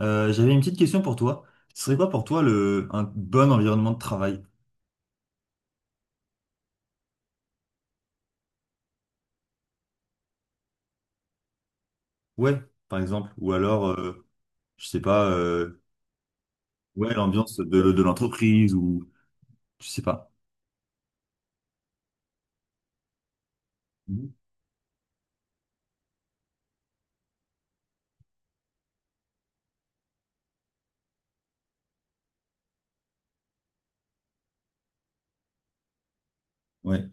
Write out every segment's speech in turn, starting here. J'avais une petite question pour toi. Ce serait quoi pour toi un bon environnement de travail? Ouais, par exemple. Ou alors, je sais pas, ouais, l'ambiance de l'entreprise ou je sais pas. Mhm. Ouais,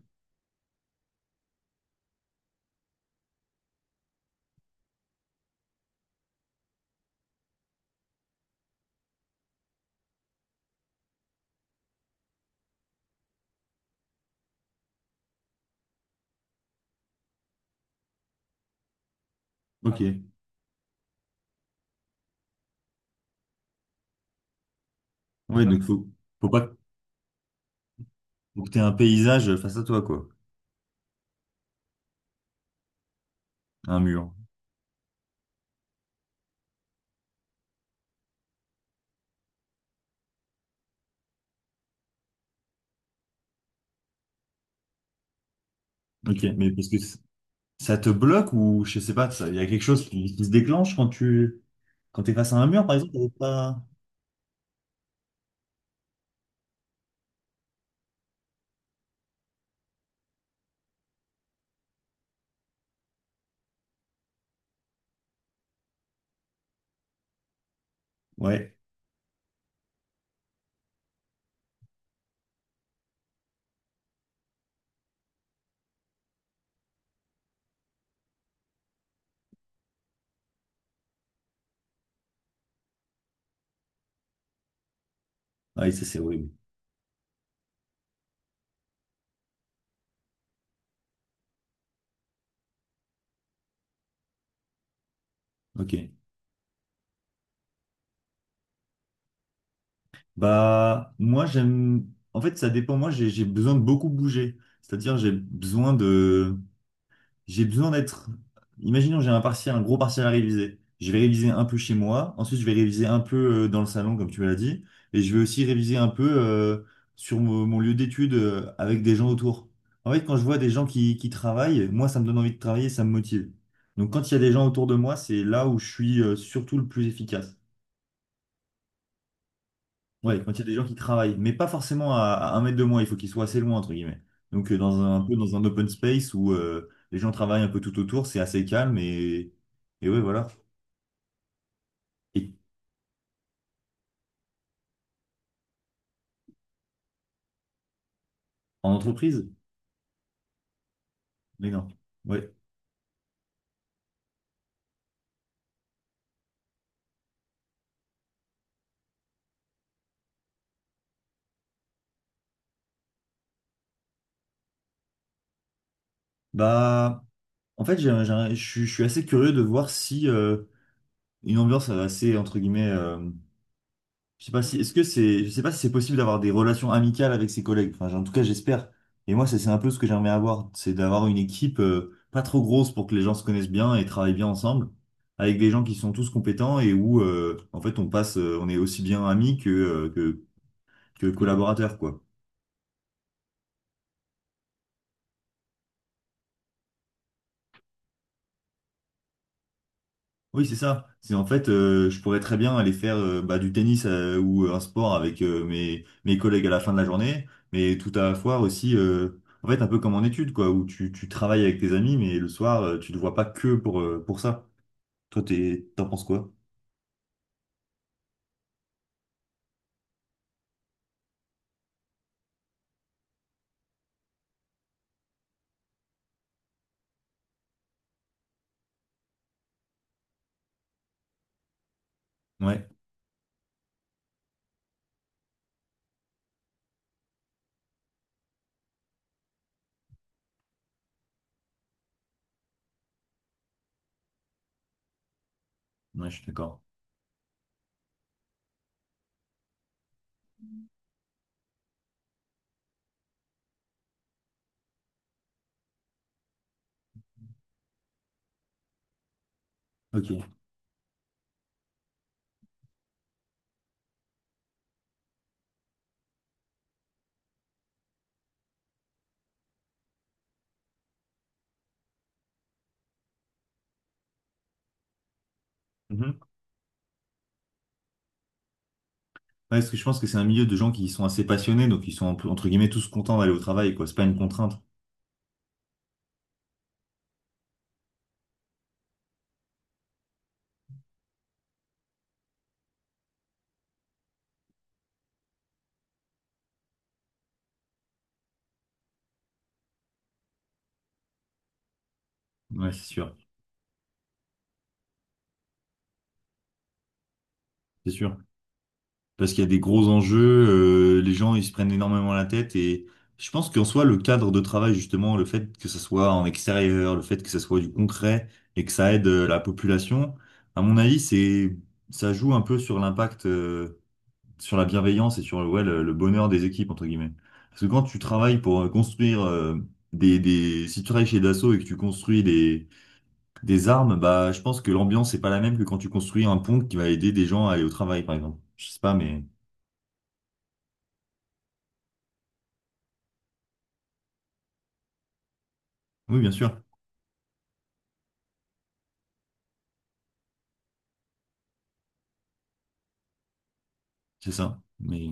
ok. Ouais, donc faut, faut pas faut que t'aies un paysage face à toi, quoi. Un mur. Ok, ça te bloque ou je sais pas, il y a quelque chose qui se déclenche quand tu quand t'es face à un mur, par exemple, t'arrives pas. Ouais, ouais, ça c'est horrible. Ok. Bah, moi, j'aime. En fait, ça dépend. Moi, j'ai besoin de beaucoup bouger. C'est-à-dire, j'ai besoin de. J'ai besoin d'être. imaginons, j'ai un gros partiel à réviser. Je vais réviser un peu chez moi. Ensuite, je vais réviser un peu dans le salon, comme tu me l'as dit. Et je vais aussi réviser un peu sur mon lieu d'étude avec des gens autour. En fait, quand je vois des gens qui travaillent, moi, ça me donne envie de travailler, ça me motive. Donc, quand il y a des gens autour de moi, c'est là où je suis surtout le plus efficace. Ouais, quand il y a des gens qui travaillent, mais pas forcément à un mètre de moi, il faut qu'ils soient assez loin, entre guillemets. Donc, dans un peu dans un open space où les gens travaillent un peu tout autour, c'est assez calme et ouais, voilà. Et en entreprise? Mais non. Ouais. Bah, en fait, j'ai un- je suis assez curieux de voir si une ambiance assez, entre guillemets, je sais pas si, est-ce que c'est, je sais pas si c'est possible d'avoir des relations amicales avec ses collègues. Enfin, en tout cas, j'espère. Et moi, c'est un peu ce que j'aimerais avoir, c'est d'avoir une équipe pas trop grosse pour que les gens se connaissent bien et travaillent bien ensemble, avec des gens qui sont tous compétents et où, en fait, on est aussi bien amis que que collaborateurs, quoi. Oui, c'est ça. C'est en fait, je pourrais très bien aller faire du tennis ou un sport avec mes collègues à la fin de la journée, mais tout à la fois aussi, en fait, un peu comme en études, quoi, où tu travailles avec tes amis, mais le soir, tu ne te vois pas que pour ça. Toi, t'en penses quoi? Ouais, ouais, je suis d'accord. Ok. Mhm. Ouais, parce que je pense que c'est un milieu de gens qui sont assez passionnés, donc ils sont entre guillemets tous contents d'aller au travail, quoi. C'est pas une contrainte. Ouais, c'est sûr. C'est sûr. Parce qu'il y a des gros enjeux, les gens ils se prennent énormément la tête et je pense qu'en soi le cadre de travail justement, le fait que ça soit en extérieur, le fait que ça soit du concret et que ça aide la population, à mon avis c'est ça joue un peu sur l'impact, sur la bienveillance et sur ouais, le bonheur des équipes entre guillemets. Parce que quand tu travailles pour construire des si tu travailles chez Dassault et que tu construis des armes, bah je pense que l'ambiance c'est pas la même que quand tu construis un pont qui va aider des gens à aller au travail par exemple. Je sais pas mais oui, bien sûr, c'est ça. Mais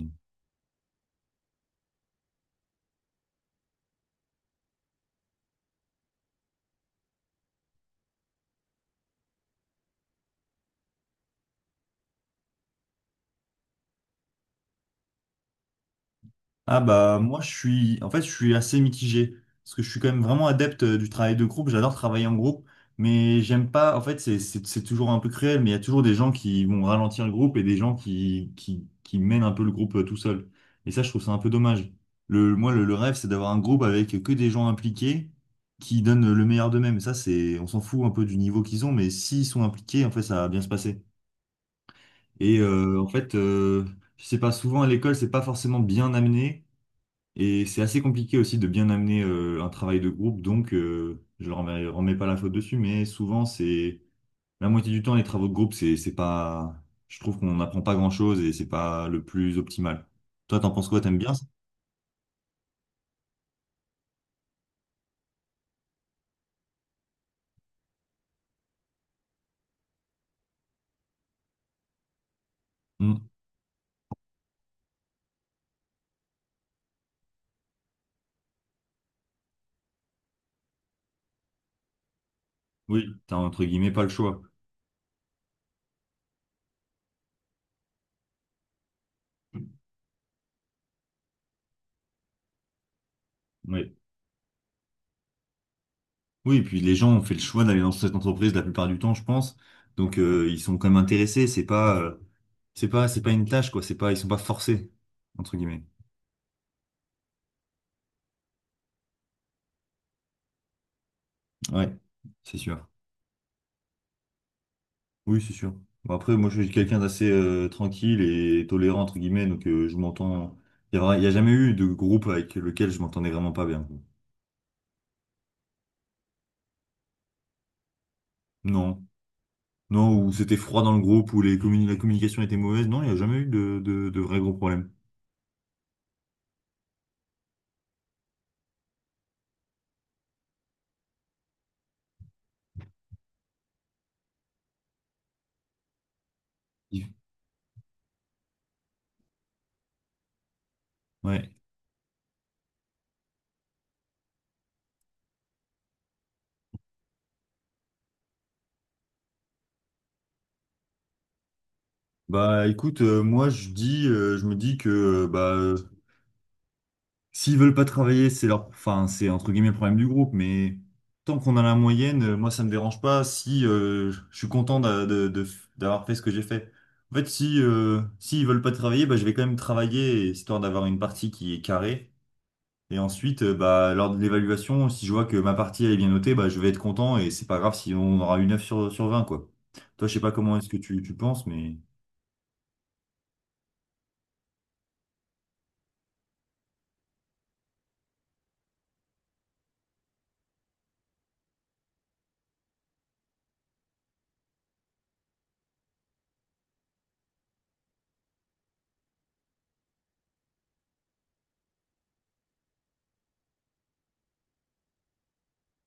ah bah moi je suis en fait je suis assez mitigé parce que je suis quand même vraiment adepte du travail de groupe, j'adore travailler en groupe, mais j'aime pas en fait c'est toujours un peu cruel, mais il y a toujours des gens qui vont ralentir le groupe et des gens qui mènent un peu le groupe tout seul. Et ça je trouve ça un peu dommage. Le rêve c'est d'avoir un groupe avec que des gens impliqués qui donnent le meilleur d'eux-mêmes. Ça c'est on s'en fout un peu du niveau qu'ils ont, mais s'ils sont impliqués en fait ça va bien se passer. Et euh, en fait, euh, je pas, souvent à l'école, c'est pas forcément bien amené. Et c'est assez compliqué aussi de bien amener un travail de groupe. Donc, je leur remets pas la faute dessus. Mais souvent, c'est la moitié du temps, les travaux de groupe, c'est pas. je trouve qu'on n'apprend pas grand-chose et c'est pas le plus optimal. Toi, t'en penses quoi? T'aimes bien ça? Hmm. Oui, t'as entre guillemets pas le choix. Oui. Oui, et puis les gens ont fait le choix d'aller dans cette entreprise la plupart du temps, je pense. Donc, ils sont quand même intéressés. C'est pas une tâche, quoi. C'est pas, ils sont pas forcés, entre guillemets. Ouais, c'est sûr. Oui, c'est sûr. Bon, après, moi, je suis quelqu'un d'assez tranquille et tolérant, entre guillemets, donc je m'entends. Il y a jamais eu de groupe avec lequel je m'entendais vraiment pas bien. Quoi. Non. Non, où c'était froid dans le groupe, où la communication était mauvaise. Non, il n'y a jamais eu de vrais gros problèmes. Ouais. Bah écoute, moi je dis, je me dis que s'ils veulent pas travailler, enfin, c'est entre guillemets le problème du groupe, mais tant qu'on a la moyenne, moi ça me dérange pas si je suis content d'avoir fait ce que j'ai fait. En fait, si s'ils veulent pas travailler, bah, je vais quand même travailler histoire d'avoir une partie qui est carrée. Et ensuite, lors de l'évaluation, si je vois que ma partie elle est bien notée, bah, je vais être content et c'est pas grave si on aura une 9/20 quoi. Toi, je sais pas comment est-ce que tu penses, mais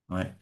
ouais.